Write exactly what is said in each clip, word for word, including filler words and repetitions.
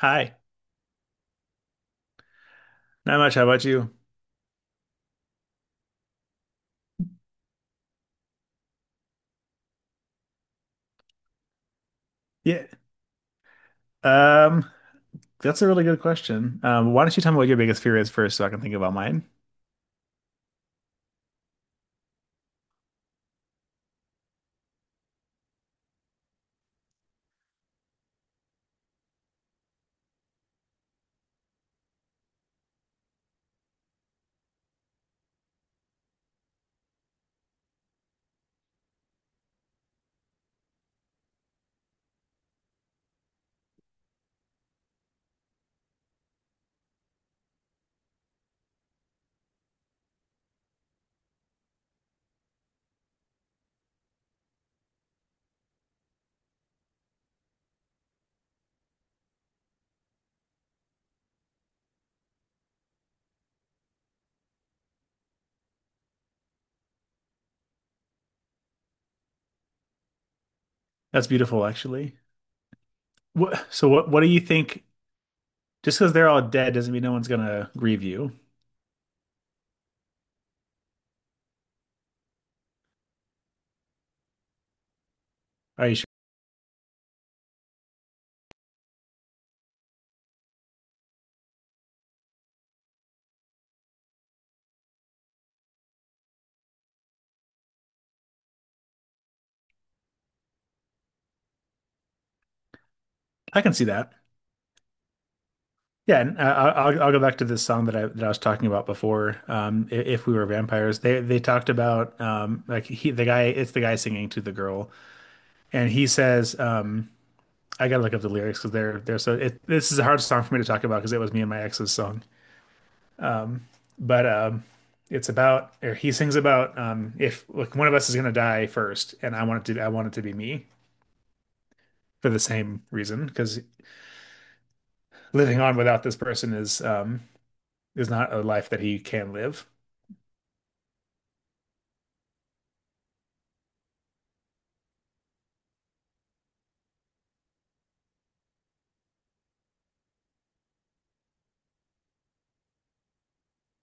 Hi, not much. How about you? Yeah, um, that's a really good question. Um, why don't you tell me what your biggest fear is first, so I can think about mine? That's beautiful, actually. What, so what, what do you think? Just because they're all dead doesn't mean no one's gonna grieve you. Are you sure? I can see that. Yeah, and uh, I'll, I'll I'll go back to this song that I that I was talking about before. Um, i- if we were vampires, they they talked about um, like he the guy it's the guy singing to the girl, and he says, um, I gotta look up the lyrics because they're they're so it, this is a hard song for me to talk about because it was me and my ex's song. Um, but um, it's about or he sings about um, if like one of us is gonna die first, and I want it to I want it to be me for the same reason because living on without this person is um, is not a life that he can live.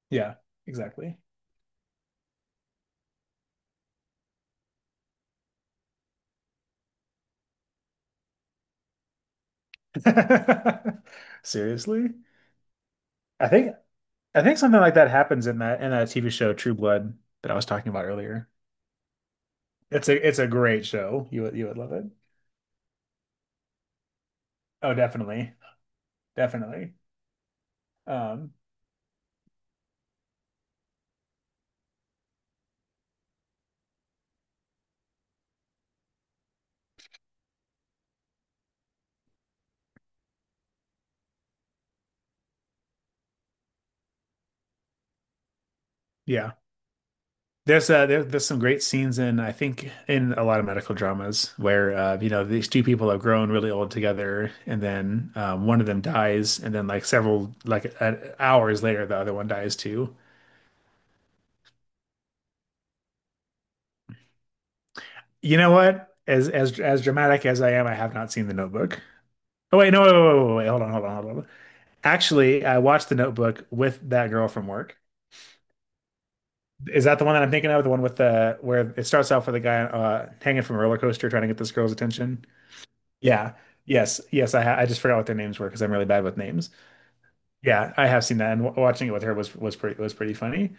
Yeah, exactly. Seriously? I think I think something like that happens in that in that T V show True Blood that I was talking about earlier. It's a it's a great show. You would you would love it. Oh, definitely. Definitely. Um, yeah. There's uh there, there's some great scenes in I think in a lot of medical dramas where uh you know these two people have grown really old together and then um, one of them dies and then like several like uh, hours later the other one dies too. You know what? As as as dramatic as I am, I have not seen The Notebook. Oh wait, no, wait, wait, wait, wait, wait. Hold on, hold on, hold on. Actually, I watched The Notebook with that girl from work. Is that the one that I'm thinking of? The one with the where it starts off with a guy uh, hanging from a roller coaster trying to get this girl's attention. Yeah. Yes. Yes. I ha I just forgot what their names were because I'm really bad with names. Yeah, I have seen that, and w watching it with her was was pretty was pretty funny,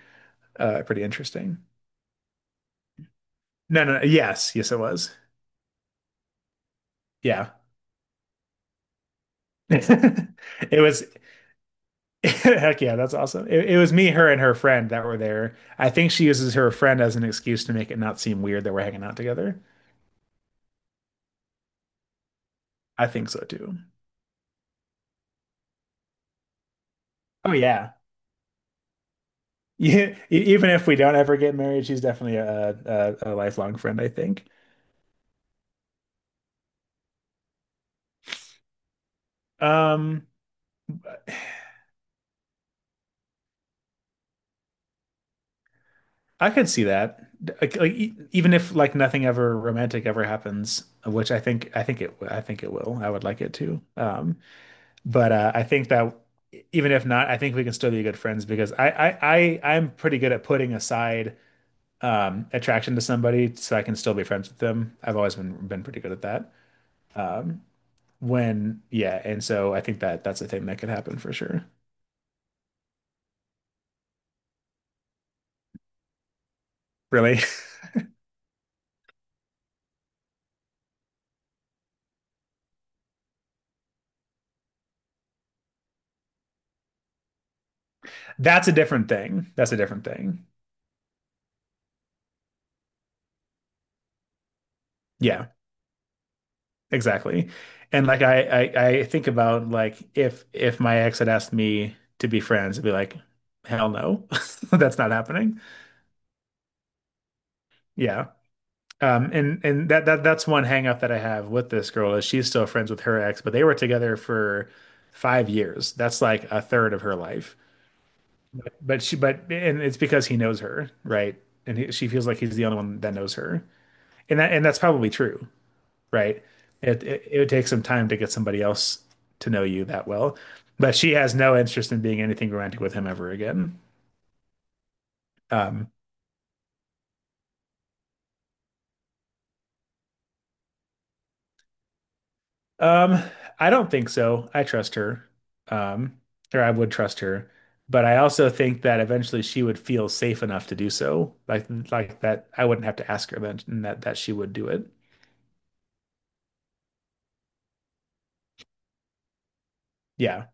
uh, pretty interesting. No, no. no, Yes. Yes, it was. Yeah. It was. Heck yeah, that's awesome. It, it was me, her, and her friend that were there. I think she uses her friend as an excuse to make it not seem weird that we're hanging out together. I think so too. Oh yeah. Yeah, e- even if we don't ever get married, she's definitely a, a, a lifelong friend, I think. Um, I could see that. Like, like e- even if like nothing ever romantic ever happens, which I think I think it I think it will. I would like it to. Um, but uh, I think that even if not, I think we can still be good friends because I I, I I'm pretty good at putting aside um attraction to somebody so I can still be friends with them. I've always been been pretty good at that. Um, when, yeah, and so I think that that's a thing that could happen for sure. Really, that's a different thing. That's a different thing. Yeah, exactly. And like I, I, I think about like if if my ex had asked me to be friends, I'd be like, hell no, that's not happening. Yeah. Um, and and that that that's one hang up that I have with this girl is she's still friends with her ex, but they were together for five years. That's like a third of her life. But she, but and it's because he knows her, right? And he, she feels like he's the only one that knows her, and that and that's probably true, right? It, it it would take some time to get somebody else to know you that well, but she has no interest in being anything romantic with him ever again. Um, um, I don't think so. I trust her, um, or I would trust her, but I also think that eventually she would feel safe enough to do so, like like that. I wouldn't have to ask her then, and that that she would do it. Yeah,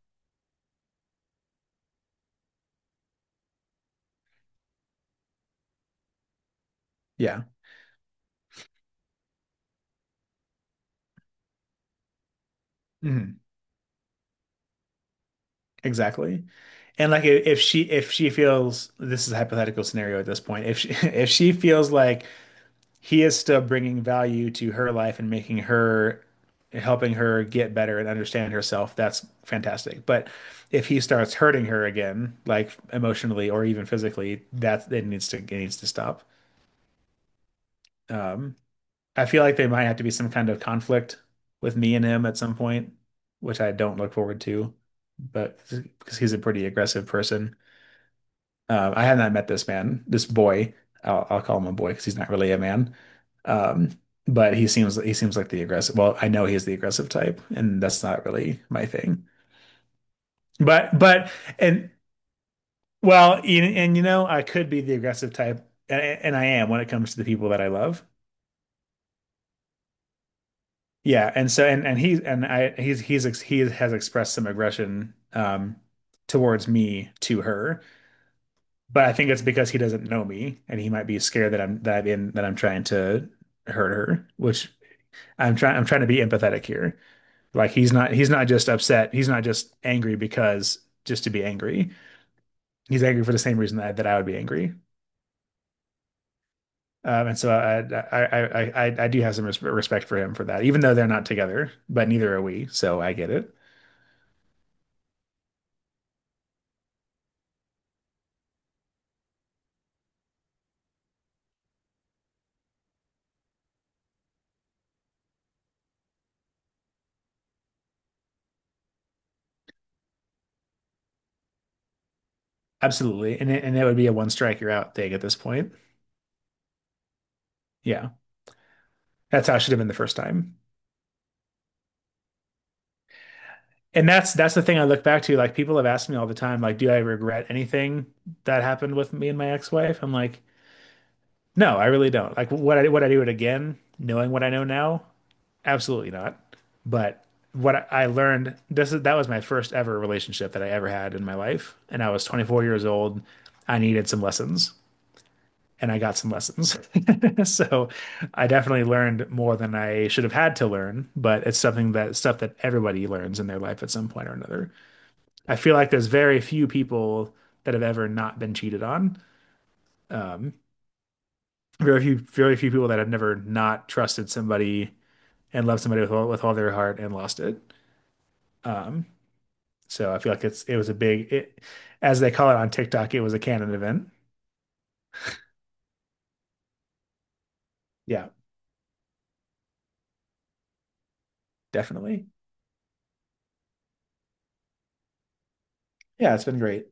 yeah. Mhm. Exactly. And like i- if she if she feels this is a hypothetical scenario at this point, if she if she feels like he is still bringing value to her life and making her helping her get better and understand herself, that's fantastic. But if he starts hurting her again, like emotionally or even physically, that it needs to it needs to stop. Um, I feel like there might have to be some kind of conflict with me and him at some point, which I don't look forward to, but because he's a pretty aggressive person. Um, I have not met this man, this boy. I'll, I'll call him a boy because he's not really a man. Um, but he seems he seems like the aggressive. Well, I know he's the aggressive type, and that's not really my thing. But but and well, and, and you know, I could be the aggressive type, and, and I am when it comes to the people that I love. Yeah, and so and and he and I he's he's ex, he has expressed some aggression um towards me to her. But I think it's because he doesn't know me, and he might be scared that I'm that I'm in that I'm trying to hurt her, which I'm trying I'm trying to be empathetic here. Like he's not he's not just upset. He's not just angry because just to be angry. He's angry for the same reason that, that I would be angry. Um, and so I, I I I I do have some respect for him for that, even though they're not together, but neither are we. So I get it. Absolutely. And it, and that would be a one strike you're out thing at this point. Yeah. That's how it should have been the first time. And that's that's the thing I look back to. Like people have asked me all the time, like, do I regret anything that happened with me and my ex-wife? I'm like, no, I really don't. Like would I would I do it again, knowing what I know now? Absolutely not. But what I learned this is that was my first ever relationship that I ever had in my life, and I was twenty-four years old. I needed some lessons, and I got some lessons. So I definitely learned more than I should have had to learn, but it's something that stuff that everybody learns in their life at some point or another. I feel like there's very few people that have ever not been cheated on. Um, very few, very few people that have never not trusted somebody and loved somebody with all, with all their heart and lost it. Um, So I feel like it's it was a big it as they call it on TikTok, it was a canon event. Yeah, definitely. Yeah, it's been great.